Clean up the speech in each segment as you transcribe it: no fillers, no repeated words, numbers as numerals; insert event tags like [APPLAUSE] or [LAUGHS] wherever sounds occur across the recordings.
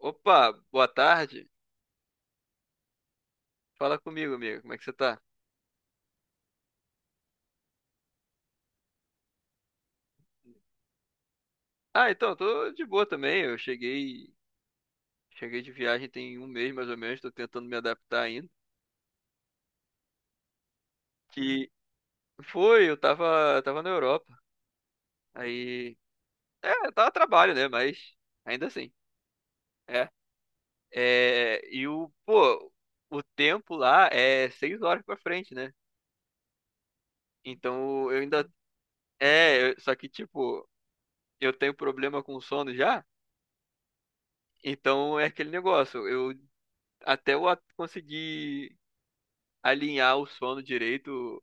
Opa, boa tarde. Fala comigo, amigo. Como é que você tá? Ah, então, eu tô de boa também. Eu cheguei de viagem tem um mês mais ou menos, tô tentando me adaptar ainda. Que foi, eu tava na Europa. Aí, é, tava a trabalho, né? Mas ainda assim, é. É, e pô, o tempo lá é 6 horas pra frente, né? Então eu ainda, só que tipo, eu tenho problema com sono já. Então é aquele negócio. Eu até conseguir alinhar o sono direito,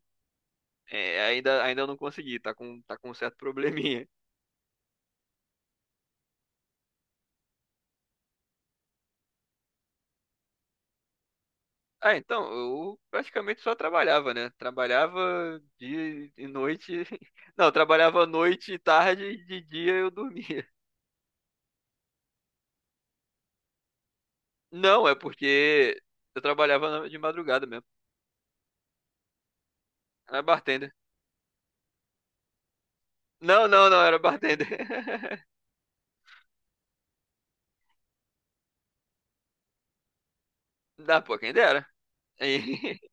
ainda não consegui, tá com um certo [LAUGHS] probleminha. Ah, então, eu praticamente só trabalhava, né? Trabalhava dia e noite. [LAUGHS] Não, trabalhava noite e tarde e de dia eu dormia. [LAUGHS] Não, é porque eu trabalhava de madrugada mesmo. Era bartender. Não, não, não, era bartender. [LAUGHS] Dá, pô, quem dera. Aí, [LAUGHS]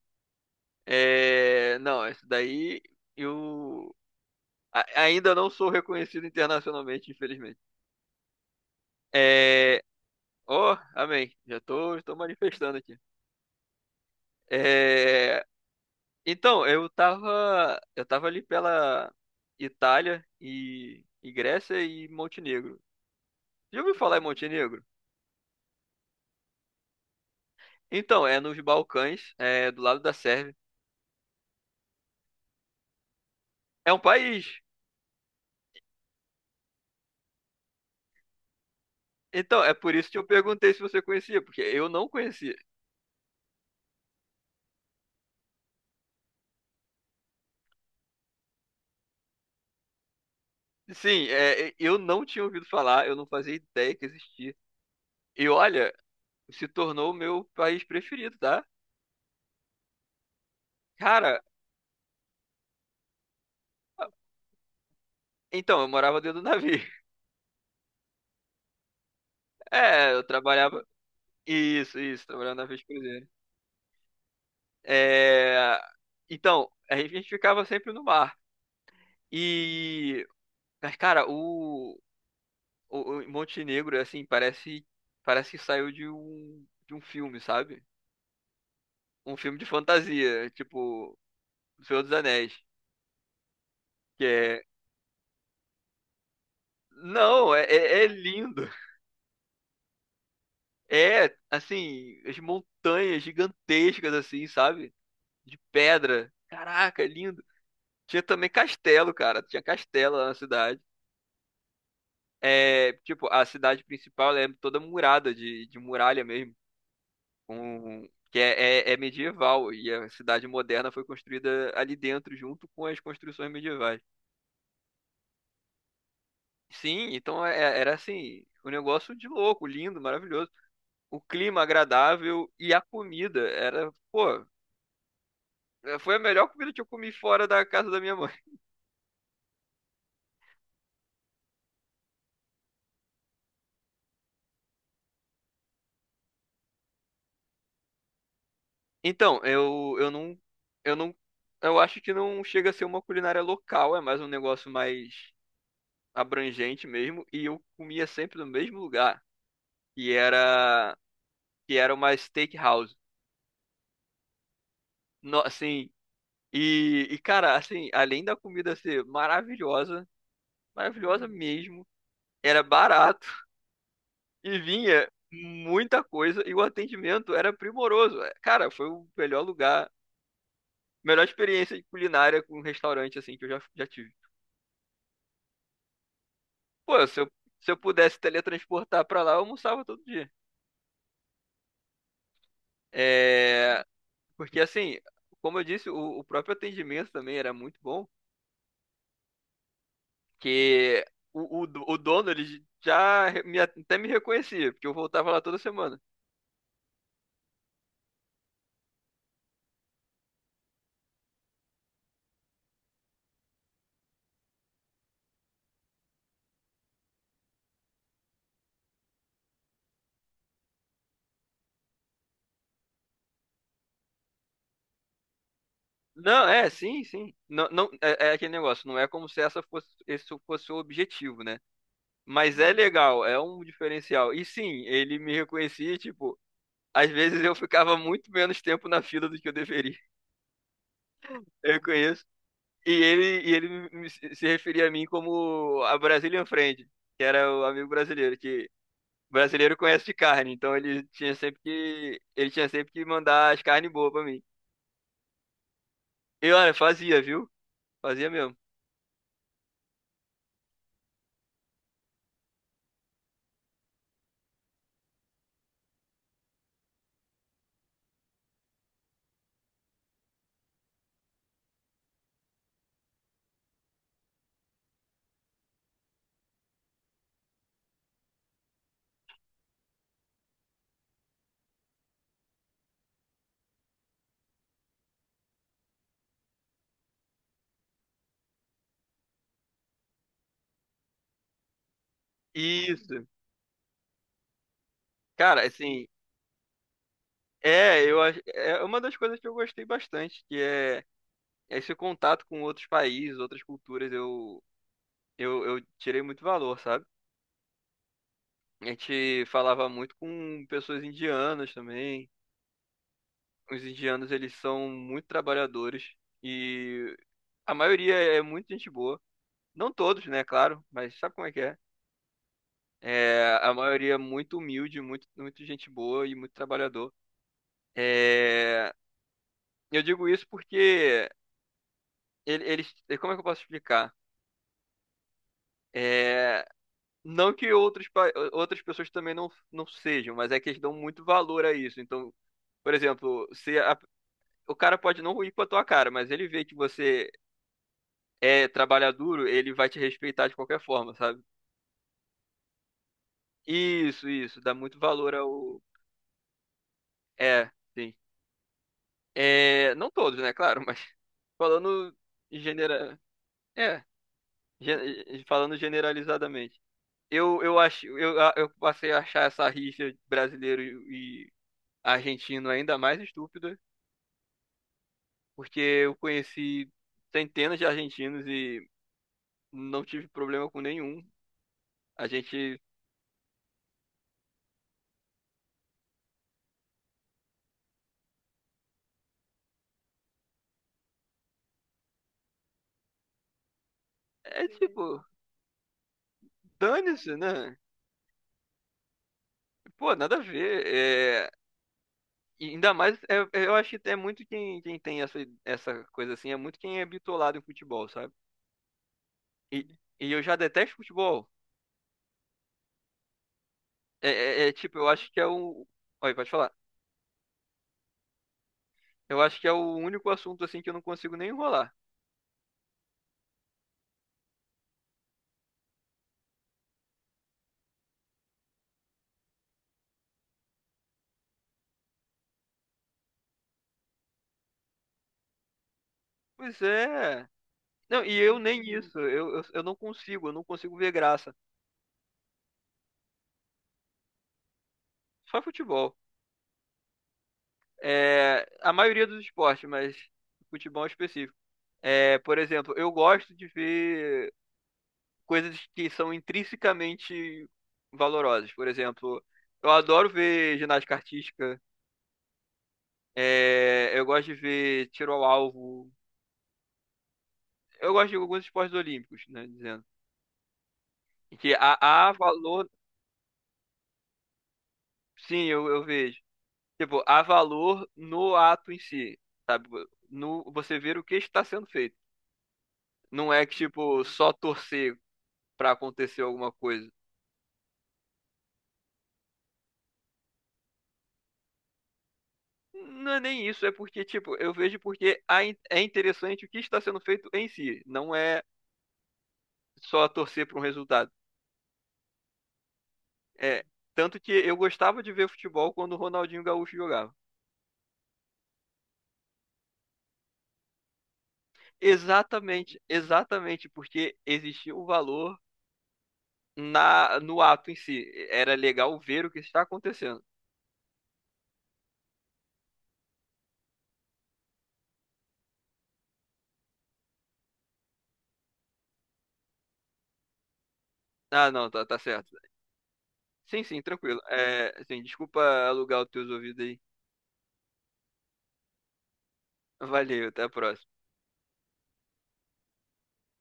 é, não, isso daí eu. Ainda não sou reconhecido internacionalmente, infelizmente. É... Oh, amém. Já tô manifestando aqui. É... Então, eu tava ali pela Itália e Grécia e Montenegro. Já ouviu falar em Montenegro? Então, é nos Balcãs, é do lado da Sérvia. É um país. Então, é por isso que eu perguntei se você conhecia, porque eu não conhecia. Sim, é, eu não tinha ouvido falar, eu não fazia ideia que existia. E olha, se tornou o meu país preferido, tá? Cara, então, eu morava dentro do navio. [LAUGHS] É, eu trabalhava. Isso, trabalhava na de cruzeiro. É, então, a gente ficava sempre no mar. E, mas, cara, o Montenegro, assim, parece que saiu de um filme, sabe? Um filme de fantasia, tipo O Senhor dos Anéis, que é. Não, é lindo. É, assim, as montanhas gigantescas, assim, sabe? De pedra. Caraca, é lindo. Tinha também castelo, cara. Tinha castelo lá na cidade. É, tipo, a cidade principal ela é toda murada, de muralha mesmo. Que é medieval. E a cidade moderna foi construída ali dentro, junto com as construções medievais. Sim, então era assim, um negócio de louco, lindo, maravilhoso. O clima agradável e a comida pô, foi a melhor comida que eu comi fora da casa da minha mãe. Então, eu não, eu acho que não chega a ser uma culinária local, é mais um negócio mais abrangente mesmo. E eu comia sempre no mesmo lugar, que era, que era uma steakhouse. No, assim, e cara, assim, além da comida ser maravilhosa, maravilhosa mesmo, era barato [LAUGHS] e vinha muita coisa e o atendimento era primoroso. Cara, foi o melhor lugar, melhor experiência culinária com um restaurante assim que eu já tive. Pô, se eu pudesse teletransportar pra lá, eu almoçava todo dia. É, porque assim, como eu disse, o próprio atendimento também era muito bom, que o dono, ele já até me reconhecia, porque eu voltava lá toda semana. Não, é, sim, sim. Não, não, é aquele negócio, não é como se esse fosse o objetivo, né? Mas é legal, é um diferencial. E sim, ele me reconhecia, tipo, às vezes eu ficava muito menos tempo na fila do que eu deveria. [LAUGHS] Eu conheço. E ele se referia a mim como a Brazilian Friend, que era o amigo brasileiro, que brasileiro conhece de carne, então ele tinha sempre que, mandar as carnes boas pra mim. E olha, fazia, viu? Fazia mesmo. Isso. Cara, assim, é, eu acho, é uma das coisas que eu gostei bastante, que é esse contato com outros países, outras culturas, eu tirei muito valor, sabe? A gente falava muito com pessoas indianas também. Os indianos, eles são muito trabalhadores e a maioria é muito gente boa. Não todos, né, claro, mas sabe como é que é? É, a maioria é muito humilde, muito, muito gente boa e muito trabalhador. É, eu digo isso porque eles, como é que eu posso explicar? É, não que outras pessoas também não sejam, mas é que eles dão muito valor a isso. Então, por exemplo, se o cara pode não ir com a tua cara, mas ele vê que você é trabalhar duro, ele vai te respeitar de qualquer forma, sabe? Isso, dá muito valor ao. É, sim. É, não todos, né, claro, [LAUGHS] mas falando em genera... é, falando generalizadamente. Eu acho, eu passei a achar essa rixa brasileiro e argentino ainda mais estúpida, porque eu conheci centenas de argentinos e não tive problema com nenhum. A gente é tipo, dane-se, né? Pô, nada a ver. E ainda mais, eu acho que é muito quem tem essa coisa assim, é muito quem é bitolado em futebol, sabe? E, e eu já detesto futebol. É, é tipo, eu acho que é o. Olha, pode falar. Eu acho que é o único assunto assim que eu não consigo nem enrolar. Pois é. Não, e eu nem isso. Eu não consigo, eu não consigo, ver graça. Só futebol. É, a maioria dos esportes, mas futebol específico. É, por exemplo, eu gosto de ver coisas que são intrinsecamente valorosas. Por exemplo, eu adoro ver ginástica artística, eu gosto de ver tiro ao alvo, eu gosto de alguns esportes olímpicos, né, dizendo. Que há valor, sim, eu vejo. Tipo, há valor no ato em si, sabe? No, você ver o que está sendo feito. Não é que, tipo, só torcer para acontecer alguma coisa. Não é nem isso, é porque, tipo, eu vejo porque é interessante o que está sendo feito em si. Não é só torcer para um resultado. É, tanto que eu gostava de ver futebol quando o Ronaldinho Gaúcho jogava. Exatamente, exatamente, porque existia o valor na no ato em si. Era legal ver o que está acontecendo. Ah, não, tá, tá certo. Sim, sim, tranquilo. É, sim, desculpa alugar os teus ouvidos aí. Valeu, até a próxima.